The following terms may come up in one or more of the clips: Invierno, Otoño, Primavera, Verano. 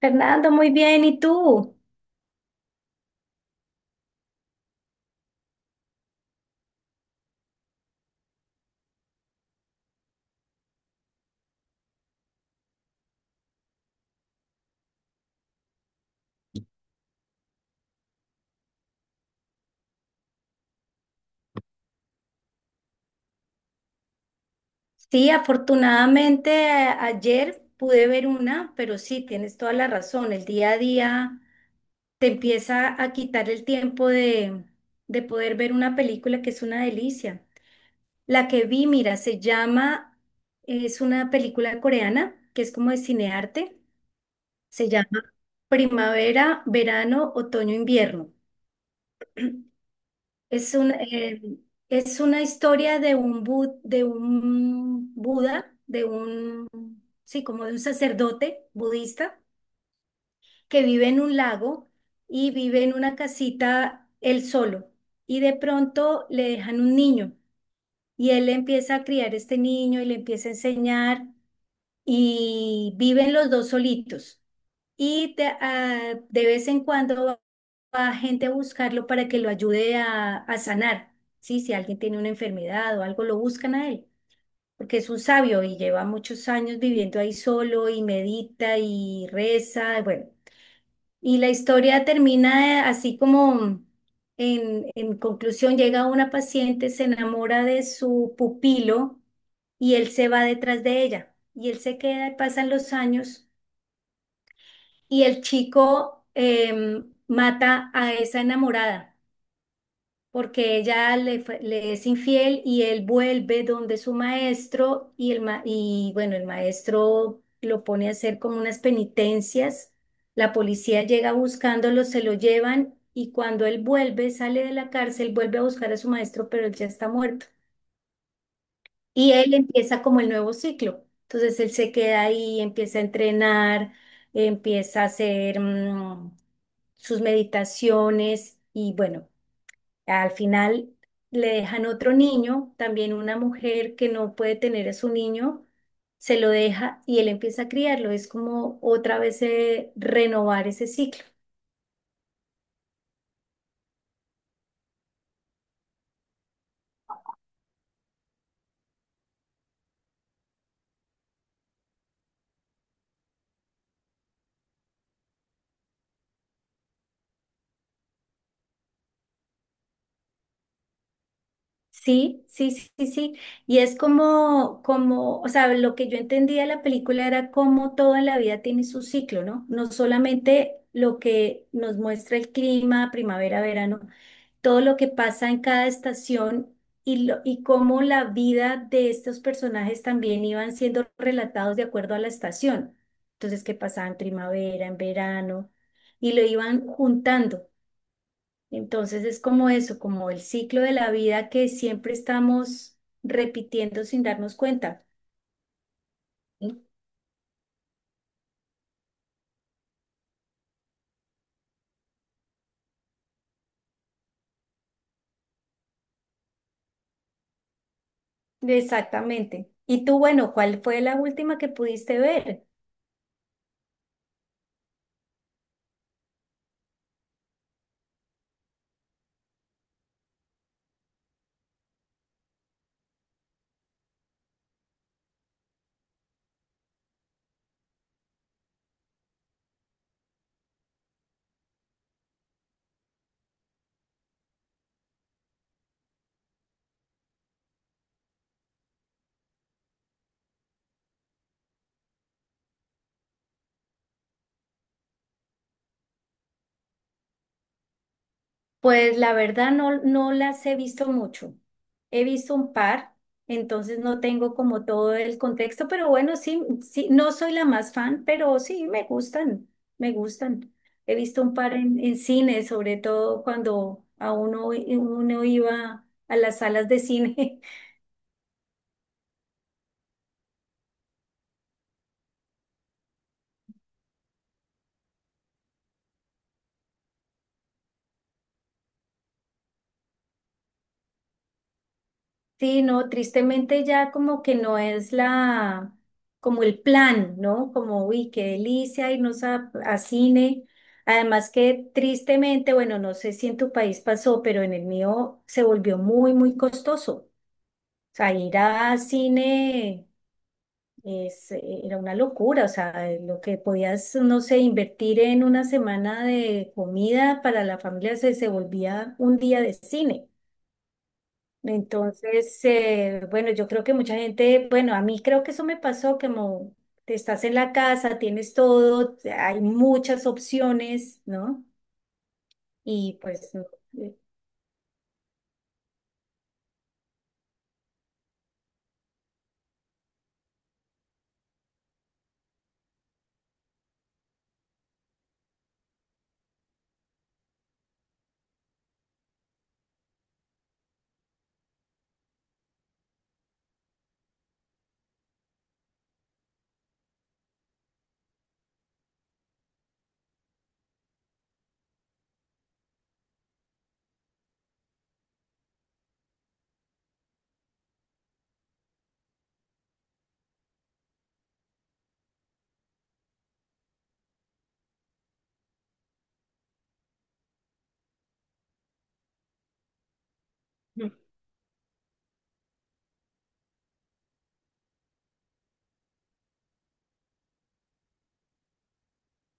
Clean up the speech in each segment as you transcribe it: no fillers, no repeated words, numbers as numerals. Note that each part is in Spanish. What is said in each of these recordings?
Fernando, muy bien. ¿Y tú? Sí, afortunadamente ayer pude ver una, pero sí, tienes toda la razón. El día a día te empieza a quitar el tiempo de poder ver una película que es una delicia. La que vi, mira, se llama, es una película coreana que es como de cinearte. Se llama Primavera, Verano, Otoño, Invierno. Es es una historia de un, de un Buda, de un, sí, como de un sacerdote budista que vive en un lago y vive en una casita él solo. Y de pronto le dejan un niño y él empieza a criar este niño y le empieza a enseñar y viven los dos solitos. De vez en cuando va va gente a buscarlo para que lo ayude a sanar. Sí, si alguien tiene una enfermedad o algo, lo buscan a él, porque es un sabio y lleva muchos años viviendo ahí solo y medita y reza. Bueno, y la historia termina así como en conclusión, llega una paciente, se enamora de su pupilo y él se va detrás de ella. Y él se queda, y pasan los años y el chico mata a esa enamorada porque ella le es infiel y él vuelve donde su maestro y bueno, el maestro lo pone a hacer como unas penitencias. La policía llega buscándolo, se lo llevan y cuando él vuelve, sale de la cárcel, vuelve a buscar a su maestro, pero él ya está muerto. Y él empieza como el nuevo ciclo. Entonces él se queda ahí, empieza a entrenar, empieza a hacer sus meditaciones y bueno. Al final le dejan otro niño, también una mujer que no puede tener a su niño, se lo deja y él empieza a criarlo. Es como otra vez renovar ese ciclo. Sí, sí, sí, sí, sí. Y es o sea, lo que yo entendía de la película era como todo en la vida tiene su ciclo, ¿no? No solamente lo que nos muestra el clima, primavera, verano, todo lo que pasa en cada estación y cómo la vida de estos personajes también iban siendo relatados de acuerdo a la estación. Entonces, qué pasaba en primavera, en verano, y lo iban juntando. Entonces es como eso, como el ciclo de la vida que siempre estamos repitiendo sin darnos cuenta. ¿Sí? Exactamente. Y tú, bueno, ¿cuál fue la última que pudiste ver? Pues la verdad no, no las he visto mucho. He visto un par, entonces no tengo como todo el contexto, pero bueno, sí, sí, no soy la más fan, pero sí me gustan, me gustan. He visto un par en cine, sobre todo cuando a uno, uno iba a las salas de cine Sí, no, tristemente ya como que no es la, como el plan, ¿no? Como, uy, qué delicia irnos a cine. Además que tristemente, bueno, no sé si en tu país pasó, pero en el mío se volvió muy, muy costoso. O sea, ir a cine es, era una locura. O sea, lo que podías, no sé, invertir en una semana de comida para la familia se volvía un día de cine. Entonces, bueno, yo creo que mucha gente, bueno, a mí creo que eso me pasó, como te estás en la casa, tienes todo, hay muchas opciones, ¿no? Y pues no, eh,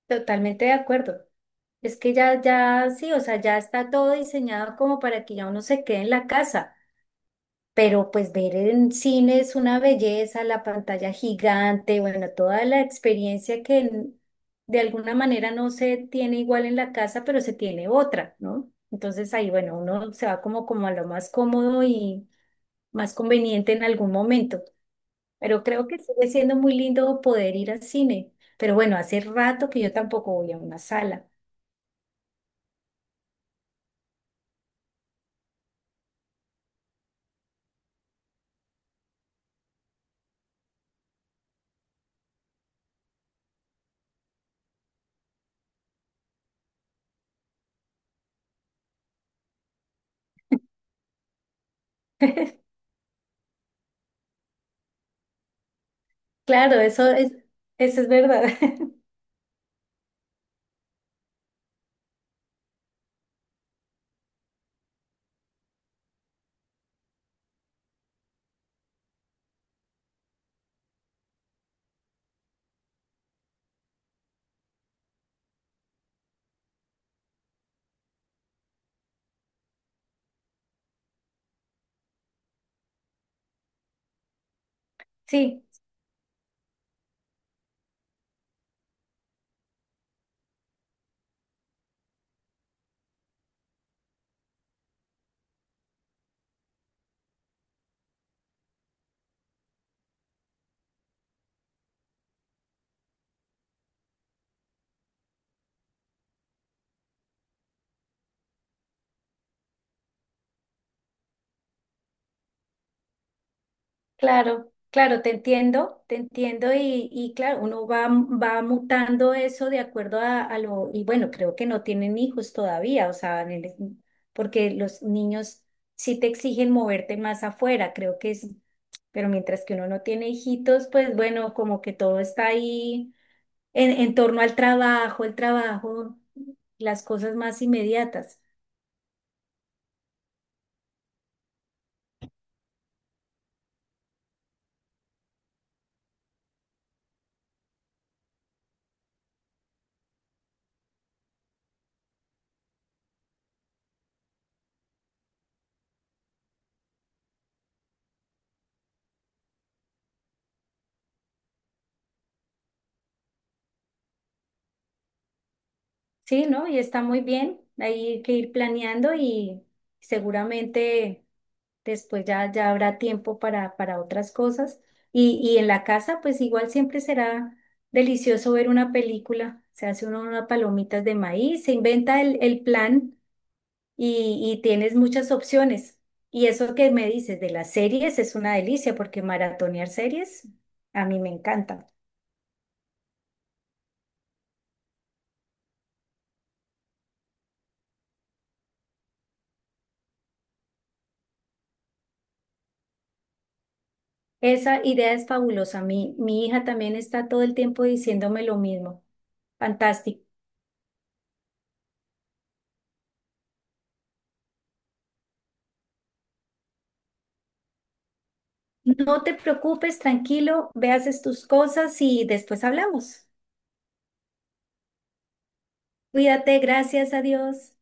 totalmente de acuerdo. Es que sí, o sea, ya está todo diseñado como para que ya uno se quede en la casa. Pero pues ver en cine es una belleza, la pantalla gigante, bueno, toda la experiencia de alguna manera no se tiene igual en la casa, pero se tiene otra, ¿no? Entonces ahí, bueno, uno se va como a lo más cómodo y más conveniente en algún momento. Pero creo que sigue siendo muy lindo poder ir al cine. Pero bueno, hace rato que yo tampoco voy a una sala. Claro, eso es verdad. Sí. Claro, claro, te entiendo y claro, uno va, va mutando eso de acuerdo y bueno, creo que no tienen hijos todavía, o sea, porque los niños sí te exigen moverte más afuera, creo que es, pero mientras que uno no tiene hijitos, pues bueno, como que todo está ahí en torno al trabajo, el trabajo, las cosas más inmediatas. Sí, ¿no? Y está muy bien. Hay que ir planeando y seguramente después ya, ya habrá tiempo para otras cosas. Y en la casa, pues igual siempre será delicioso ver una película. Se hace uno unas palomitas de maíz, se inventa el plan y tienes muchas opciones. Y eso que me dices de las series es una delicia porque maratonear series a mí me encanta. Esa idea es fabulosa. Mi hija también está todo el tiempo diciéndome lo mismo. Fantástico. No te preocupes, tranquilo, ve, tus cosas y después hablamos. Cuídate, gracias a Dios.